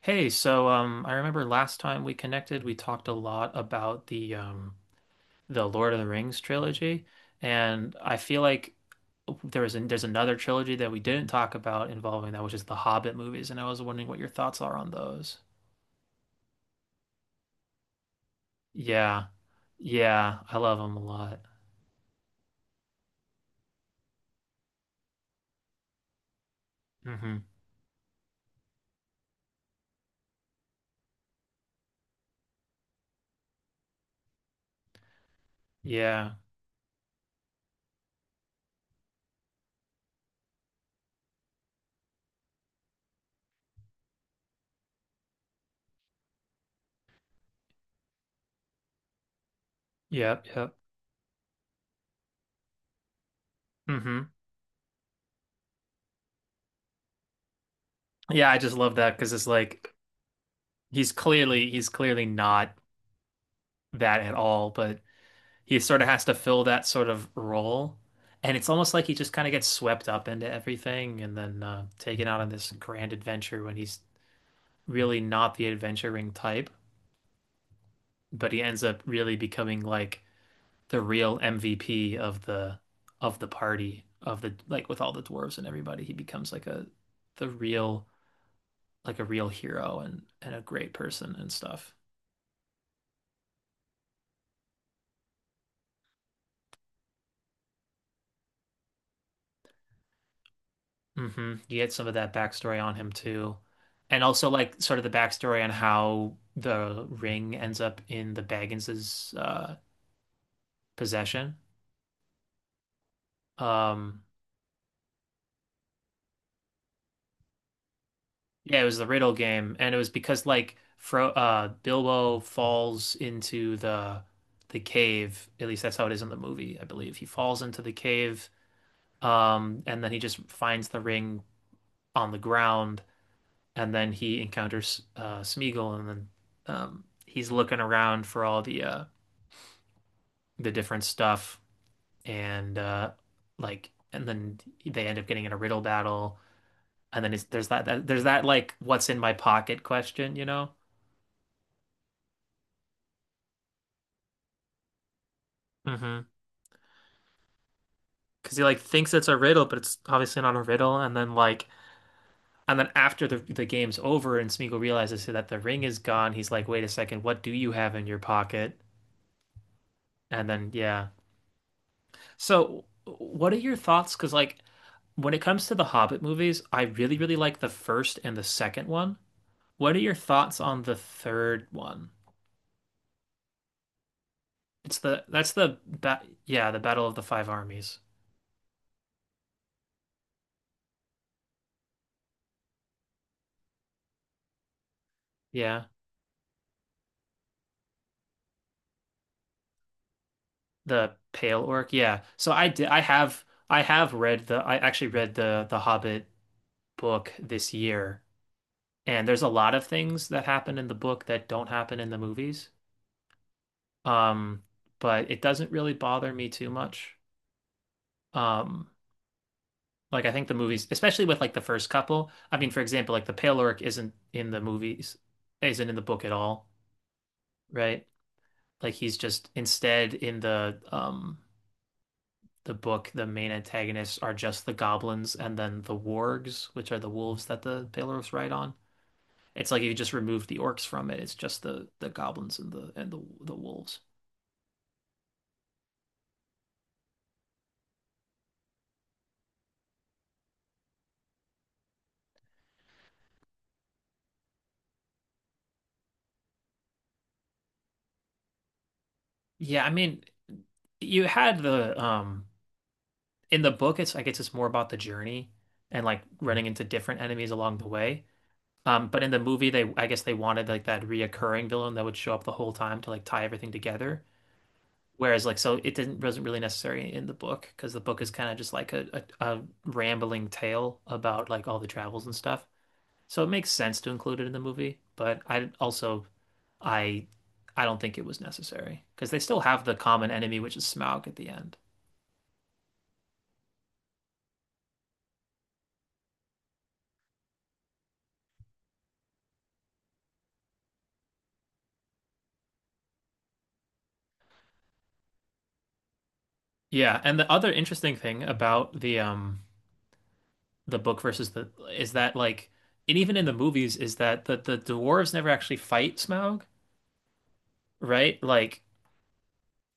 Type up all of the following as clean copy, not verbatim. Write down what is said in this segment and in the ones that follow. Hey, I remember last time we connected, we talked a lot about the Lord of the Rings trilogy, and I feel like there's another trilogy that we didn't talk about involving that, which is the Hobbit movies, and I was wondering what your thoughts are on those. Yeah, yeah, I love them a lot. Hmm Yeah, yep, yep. hmm Yeah, I just love that because it's like he's clearly not that at all, but he sort of has to fill that sort of role. And it's almost like he just kind of gets swept up into everything and then taken out on this grand adventure when he's really not the adventuring type, but he ends up really becoming like the real MVP of the party of the, like, with all the dwarves and everybody. He becomes like a, the real, like a real hero and a great person and stuff. Hmm You get some of that backstory on him too. And also like sort of the backstory on how the ring ends up in the Baggins's possession. Um yeah, it was the Riddle game, and it was because like Fro Bilbo falls into the cave, at least that's how it is in the movie, I believe. He falls into the cave and then he just finds the ring on the ground, and then he encounters Smeagol, and then he's looking around for all the the different stuff and uh and then they end up getting in a riddle battle, and then it's, there's that, that there's that, like, what's in my pocket question, hmm Because he like thinks it's a riddle, but it's obviously not a riddle. And then, like, and then after the game's over and Smeagol realizes that the ring is gone, he's like, "Wait a second, what do you have in your pocket?" And then yeah. So what are your thoughts? Because like when it comes to the Hobbit movies, I really really like the first and the second one. What are your thoughts on the third one? It's the that's the ba yeah, the Battle of the Five Armies. Yeah, the Pale Orc. Yeah. I have read the, I actually read the Hobbit book this year, and there's a lot of things that happen in the book that don't happen in the movies. Um, but it doesn't really bother me too much. Um, like I think the movies, especially with like the first couple. I mean, for example, like the Pale Orc isn't in the movies, isn't in the book at all, right? Like he's just instead in the book, the main antagonists are just the goblins and then the wargs, which are the wolves that the Pelorus ride on. It's like you just remove the orcs from it. It's just the goblins and the wolves. Yeah, I mean, you had the in the book it's, I guess it's more about the journey and like running into different enemies along the way. But in the movie they, I guess they wanted like that reoccurring villain that would show up the whole time to like tie everything together. Whereas, like, so it didn't wasn't really necessary in the book because the book is kind of just like a, a rambling tale about like all the travels and stuff. So it makes sense to include it in the movie, but I also, I I don't think it was necessary because they still have the common enemy, which is Smaug at the end. Yeah, and the other interesting thing about the book versus the, is that like, and even in the movies, is that the dwarves never actually fight Smaug, right? Like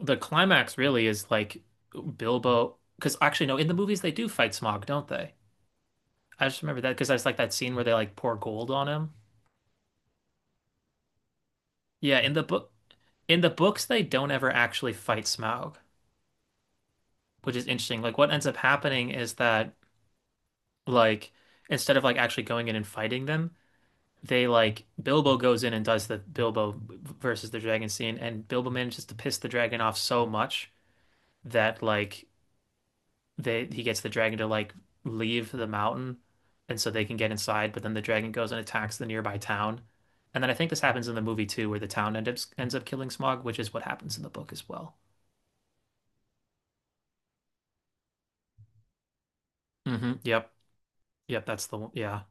the climax really is like Bilbo, because actually no, in the movies they do fight Smog, don't they? I just remember that because I was like that scene where they like pour gold on him. Yeah, in the book, in the books they don't ever actually fight Smaug, which is interesting. Like what ends up happening is that, like instead of like actually going in and fighting them, they like Bilbo goes in and does the Bilbo versus the dragon scene, and Bilbo manages to piss the dragon off so much that like they he gets the dragon to like leave the mountain, and so they can get inside, but then the dragon goes and attacks the nearby town, and then I think this happens in the movie too, where the town ends up killing Smog, which is what happens in the book as well. Hmm yep, yep, that's the one, yeah.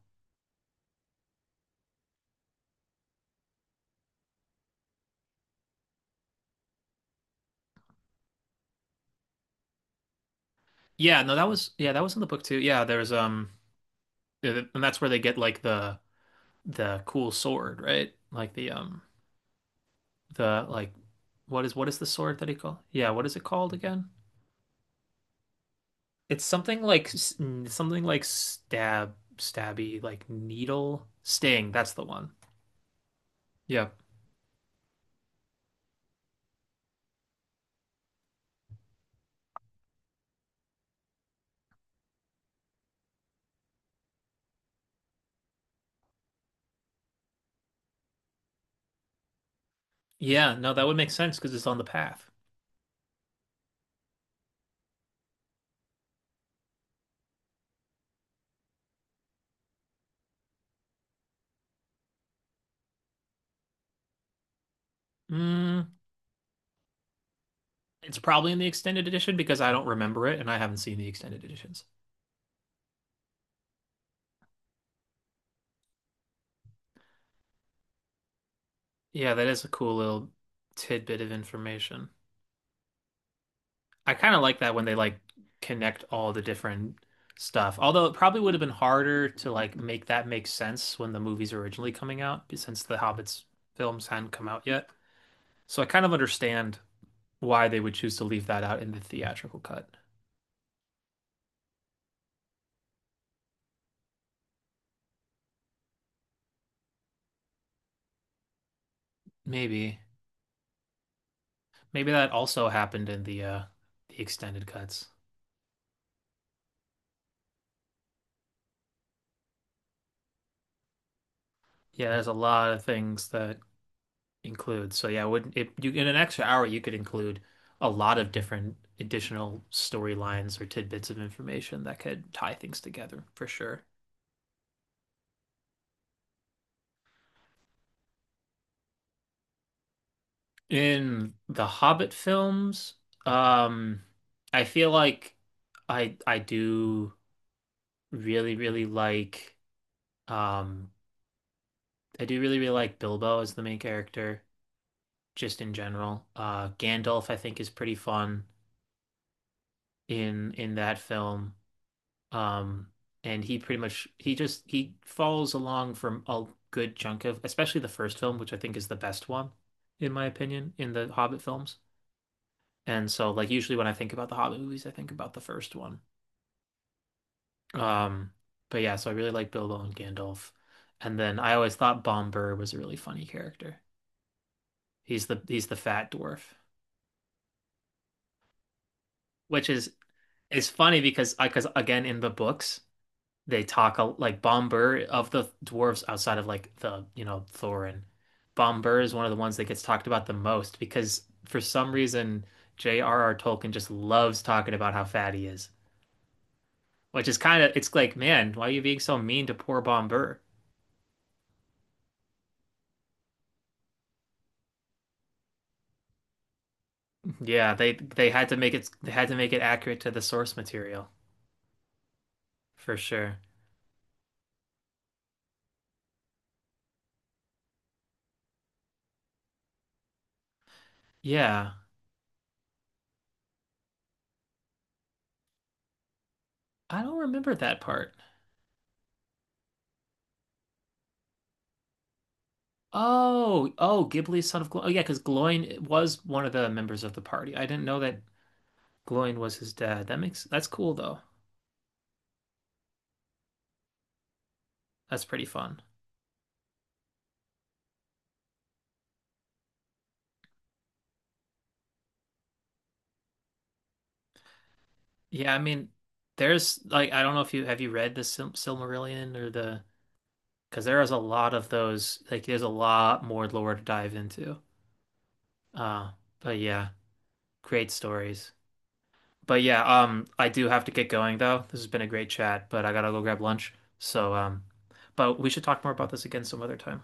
Yeah, no, that was, yeah, that was in the book too, yeah. there's And that's where they get like the cool sword, right? Like the like what is, what is the sword that he called, yeah, what is it called again? It's something like, something like stab, stabby, like needle, sting. That's the one. Yeah. Yeah, no, that would make sense because it's on the path. Mm, it's probably in the extended edition because I don't remember it and I haven't seen the extended editions. Yeah, that is a cool little tidbit of information. I kind of like that when they like connect all the different stuff. Although it probably would have been harder to like make that make sense when the movie's were originally coming out, since the Hobbit's films hadn't come out yet. So I kind of understand why they would choose to leave that out in the theatrical cut. Maybe. Maybe that also happened in the extended cuts. Yeah, there's a lot of things that include. So yeah, would, if you, in an extra hour you could include a lot of different additional storylines or tidbits of information that could tie things together for sure. In the Hobbit films, um, I feel like I do really really like, um, I do really really like Bilbo as the main character, just in general. Gandalf I think is pretty fun in that film. Um, and he pretty much, he follows along from a good chunk of, especially the first film, which I think is the best one, in my opinion, in the Hobbit films. And so like usually when I think about the Hobbit movies, I think about the first one. Um, but yeah, so I really like Bilbo and Gandalf. And then I always thought Bomber was a really funny character. He's the fat dwarf, which is. It's funny because I, because again in the books they talk a, like Bombur of the dwarves outside of like the, you know, Thorin. Bombur is one of the ones that gets talked about the most because for some reason J.R.R. Tolkien just loves talking about how fat he is, which is kind of, it's like, man, why are you being so mean to poor Bombur? Yeah, they had to make it, they had to make it accurate to the source material for sure. Yeah, I don't remember that part. Oh, oh, Ghibli's son of Gloin. Oh, yeah, because Gloin was one of the members of the party. I didn't know that Gloin was his dad. That makes, that's cool though. That's pretty fun. Yeah, I mean, there's like, I don't know if you have, you read the Silmarillion or the, because there is a lot of those. Like, there's a lot more lore to dive into. Uh, but yeah, great stories. But yeah, I do have to get going though. This has been a great chat, but I gotta go grab lunch. So, but we should talk more about this again some other time.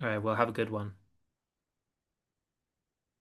All right, well, have a good one.